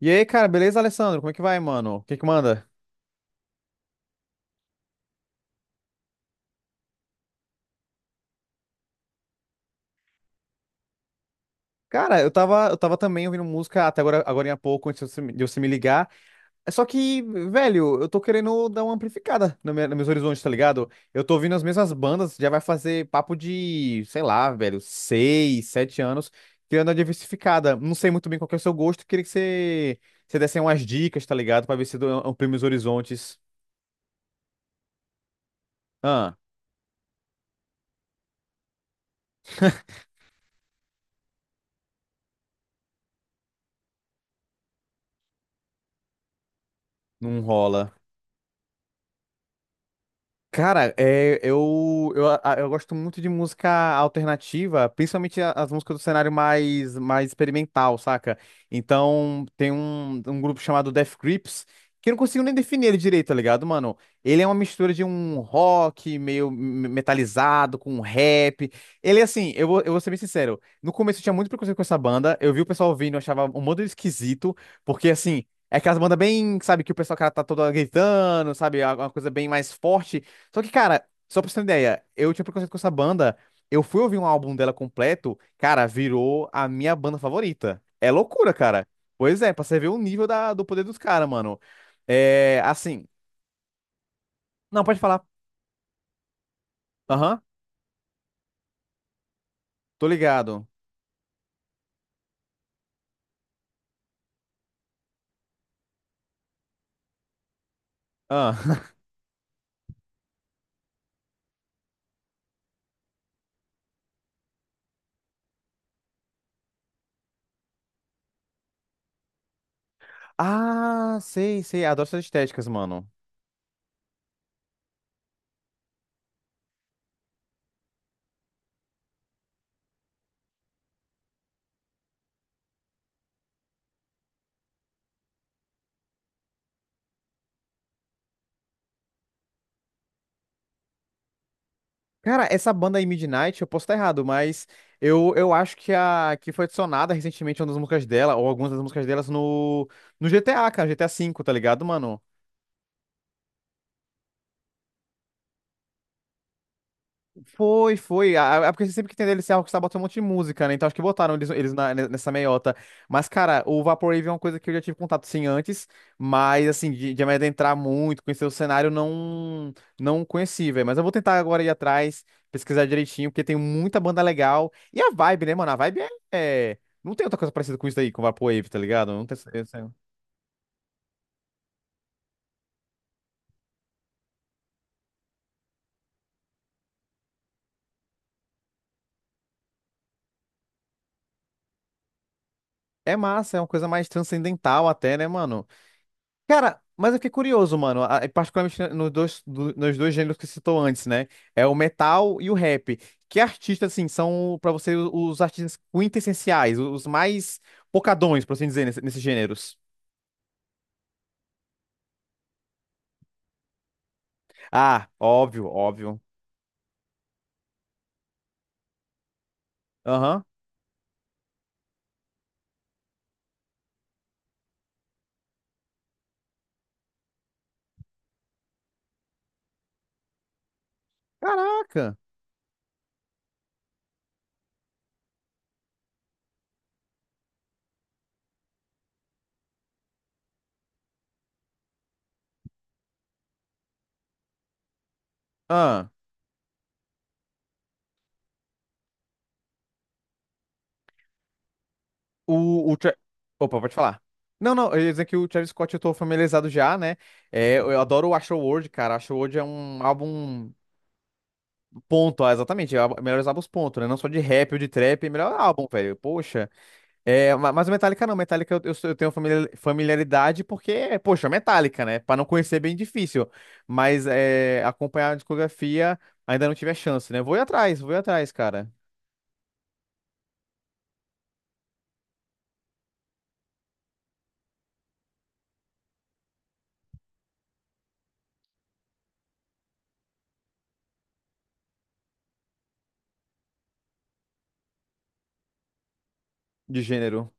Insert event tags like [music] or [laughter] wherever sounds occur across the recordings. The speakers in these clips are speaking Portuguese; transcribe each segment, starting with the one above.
E aí, cara, beleza, Alessandro? Como é que vai, mano? O que que manda? Cara, eu tava também ouvindo música até agora, agora há pouco, antes de você me ligar. Só que, velho, eu tô querendo dar uma amplificada no meu, nos meus horizontes, tá ligado? Eu tô ouvindo as mesmas bandas, já vai fazer papo de, sei lá, velho, 6, 7 anos, querendo uma diversificada. Não sei muito bem qual que é o seu gosto, queria que você desse aí umas dicas, tá ligado? Pra ver se eu amplio meus horizontes. Ah, não rola. Cara, eu gosto muito de música alternativa, principalmente as músicas do cenário mais experimental, saca? Então, tem um grupo chamado Death Grips, que eu não consigo nem definir ele direito, tá ligado, mano? Ele é uma mistura de um rock meio metalizado com um rap. Ele, é assim, eu vou ser bem sincero, no começo eu tinha muito preconceito com essa banda, eu vi o pessoal ouvindo, eu achava um modo esquisito, porque, assim, é aquelas bandas bem, sabe, que o pessoal, cara, tá todo gritando, sabe, é uma coisa bem mais forte. Só que, cara, só pra você ter uma ideia, eu tinha preconceito com essa banda. Eu fui ouvir um álbum dela completo, cara, virou a minha banda favorita. É loucura, cara. Pois é, pra você ver o nível da, do poder dos caras, mano. É, assim. Não, pode falar. Aham, tô ligado. Ah. [laughs] Ah, sei, sei. Adoro essas estéticas, mano. Cara, essa banda aí, Midnight, eu posso estar errado, mas eu acho que foi adicionada recentemente uma das músicas dela, ou algumas das músicas delas, no GTA, cara, GTA V, tá ligado, mano? Foi, foi. Ah, é porque sempre que tem DLC, a Rockstar bota um monte de música, né? Então acho que botaram eles nessa meiota. Mas, cara, o Vaporwave é uma coisa que eu já tive contato sim antes, mas assim, de me adentrar muito, conhecer o cenário, não conheci, velho. Mas eu vou tentar agora ir atrás, pesquisar direitinho, porque tem muita banda legal. E a vibe, né, mano? A vibe é. Não tem outra coisa parecida com isso aí, com o Vaporwave, tá ligado? Não tem... essa- essa- É massa, é uma coisa mais transcendental até, né, mano? Cara, mas eu fiquei curioso, mano. Particularmente nos dois gêneros que você citou antes, né? É o metal e o rap. Que artistas, assim, são pra você os artistas quintessenciais, os mais pocadões, por assim dizer, nesses gêneros? Ah, óbvio, óbvio. Aham. Caraca. Ah, o, o Tra- Opa, pode falar. Não, não, eu ia dizer que o Travis Scott eu tô familiarizado já, né? É, eu adoro o Astroworld, cara. Astroworld é um álbum. Ponto, ah, exatamente. Melhores álbuns, ponto, né? Não só de rap ou de trap, é melhor álbum, velho. Poxa. É, mas o Metallica não. Metallica eu tenho familiaridade porque, poxa, Metallica, né? Pra não conhecer é bem difícil. Mas é, acompanhar a discografia ainda não tive a chance, né? Vou ir atrás, cara. De gênero.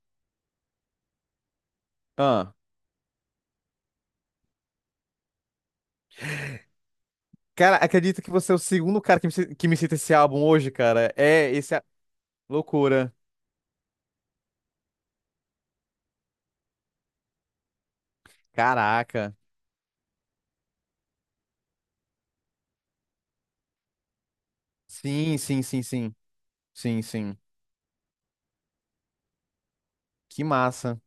Ah. Cara, acredita que você é o segundo cara que me cita esse álbum hoje, cara? Loucura. Caraca. Sim, sim, sim, sim. Sim, sim. Que massa.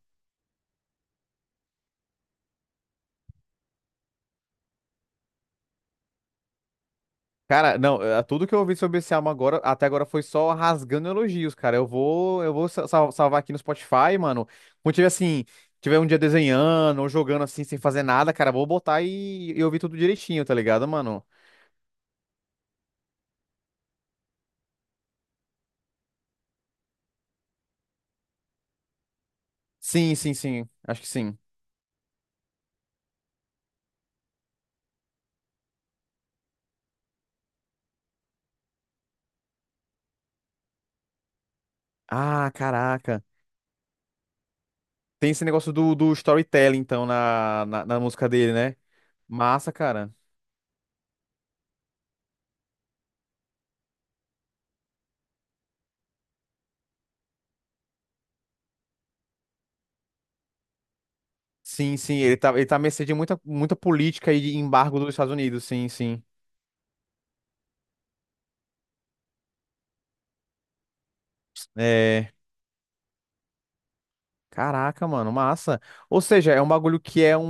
Cara, não, tudo que eu ouvi sobre esse álbum agora, até agora foi só rasgando elogios, cara. Eu vou salvar aqui no Spotify, mano. Quando tiver um dia desenhando ou jogando assim sem fazer nada, cara, vou botar e ouvir tudo direitinho, tá ligado, mano? Sim, sim, sim. Acho que sim. Ah, caraca. Tem esse negócio do storytelling, então, na música dele, né? Massa, cara. Sim, sim, ele tá à mercê de muita, muita política e de embargo dos Estados Unidos, sim, sim. É. Caraca, mano, massa. Ou seja, é um bagulho que é um,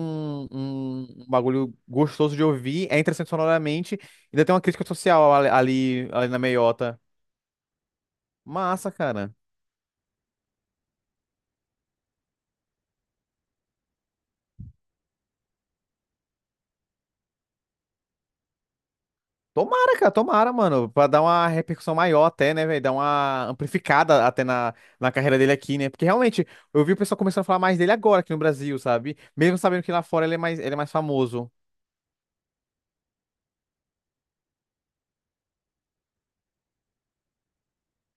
um, um bagulho gostoso de ouvir, é interessante sonoramente, ainda tem uma crítica social ali na meiota. Massa, cara. Tomara, cara, tomara, mano, pra dar uma repercussão maior até, né, velho, dar uma amplificada até na carreira dele aqui, né, porque realmente, eu vi o pessoal começando a falar mais dele agora aqui no Brasil, sabe, mesmo sabendo que lá fora ele é mais famoso.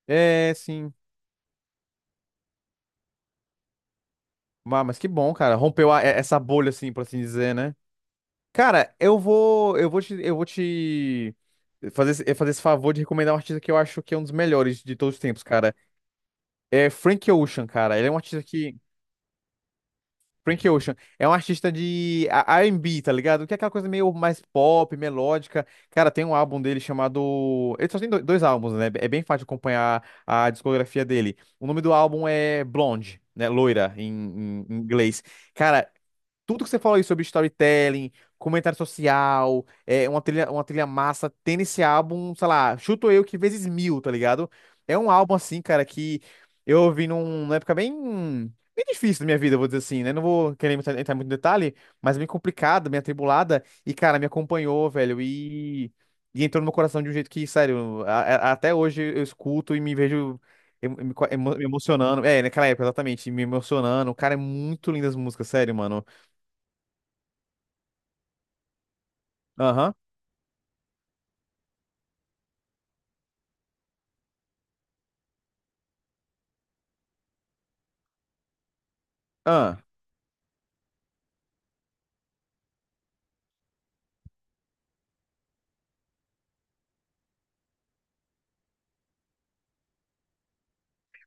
É, sim. Ah, mas que bom, cara, rompeu essa bolha, assim, por assim dizer, né? Cara, eu vou te fazer esse favor de recomendar um artista que eu acho que é um dos melhores de todos os tempos, cara. É Frank Ocean, cara. Ele é um artista que Frank Ocean é um artista de R&B, tá ligado? Que é aquela coisa meio mais pop, melódica. Cara, tem um álbum dele chamado. Ele só tem dois álbuns, né? É bem fácil de acompanhar a discografia dele. O nome do álbum é Blonde, né? Loira em, em inglês. Cara, tudo que você falou aí sobre storytelling, comentário social, uma trilha massa, tem esse álbum, sei lá, chuto eu que vezes mil, tá ligado? É um álbum assim, cara, que eu ouvi numa época bem, bem difícil da minha vida, vou dizer assim, né? Não vou querer entrar muito em detalhe, mas bem complicada, bem atribulada, e, cara, me acompanhou, velho, e entrou no meu coração de um jeito que, sério, até hoje eu escuto e me vejo. Me emocionando, naquela época, exatamente, me emocionando. Cara, é muito lindas as músicas, sério, mano. Aham. Ah.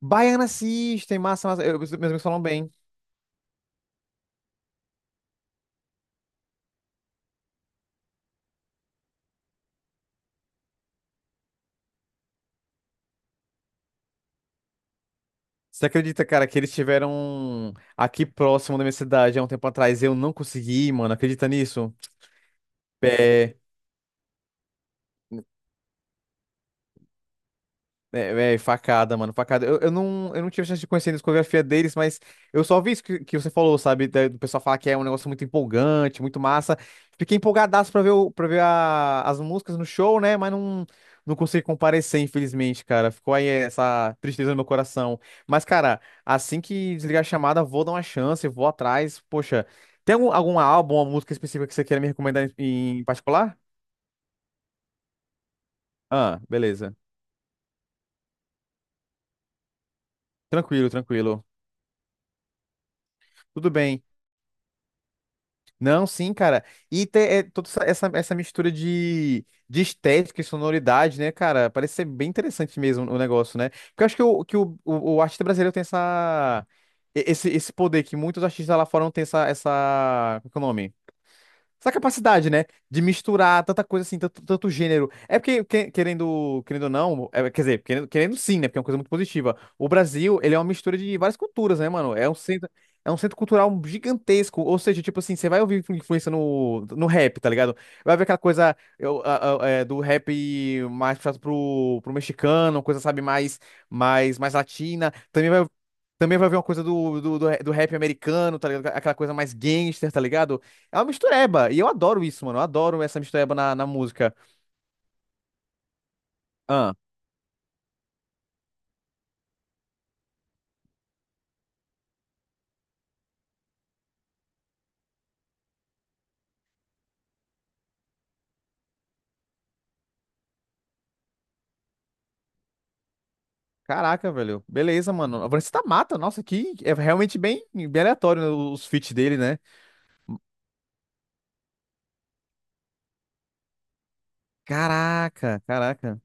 Baiana System, massa, massa. Meus amigos falam bem. Você acredita, cara, que eles tiveram aqui próximo da minha cidade há um tempo atrás e eu não consegui, mano? Acredita nisso? É, É, véi, facada, mano, facada. Eu não tive chance de conhecer a discografia deles, mas eu só vi isso que você falou, sabe? Do pessoal falar que é um negócio muito empolgante, muito massa. Fiquei empolgadaço pra ver as músicas no show, né? Mas não, não consegui comparecer, infelizmente, cara. Ficou aí essa tristeza no meu coração. Mas, cara, assim que desligar a chamada, vou dar uma chance, vou atrás. Poxa, tem algum álbum, uma música específica que você queira me recomendar em particular? Ah, beleza. Tranquilo, tranquilo. Tudo bem. Não, sim, cara. E toda essa mistura de estética e sonoridade, né, cara? Parece ser bem interessante mesmo o negócio, né? Porque eu acho que o artista brasileiro tem esse poder que muitos artistas lá fora não têm essa. Qual que é o nome? Essa capacidade, né? De misturar tanta coisa assim, tanto gênero. É porque, querendo, querendo, ou não, quer dizer, querendo sim, né? Porque é uma coisa muito positiva. O Brasil, ele é uma mistura de várias culturas, né, mano? É um centro cultural gigantesco. Ou seja, tipo assim, você vai ouvir influência no rap, tá ligado? Vai ver aquela coisa eu, a- é, do rap mais puxado pro mexicano, coisa, sabe, mais latina. Também vai ver uma coisa do rap americano, tá ligado? Aquela coisa mais gangster, tá ligado? É uma mistureba. E eu adoro isso, mano. Eu adoro essa mistureba na música. Ah, caraca, velho. Beleza, mano. A Vanessa mata. Nossa, que é realmente bem, bem aleatório né, os feats dele, né? Caraca, caraca.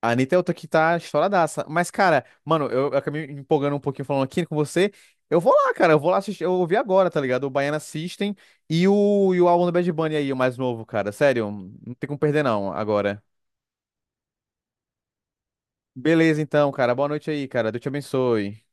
A Anitta é outra que tá estouradaça. Mas, cara, mano, eu acabei me empolgando um pouquinho falando aqui com você. Eu vou lá, cara. Eu vou lá assistir. Eu ouvi agora, tá ligado? O Baiana System. E o álbum do Bad Bunny aí, o mais novo, cara. Sério, não tem como perder, não, agora. Beleza, então, cara. Boa noite aí, cara. Deus te abençoe.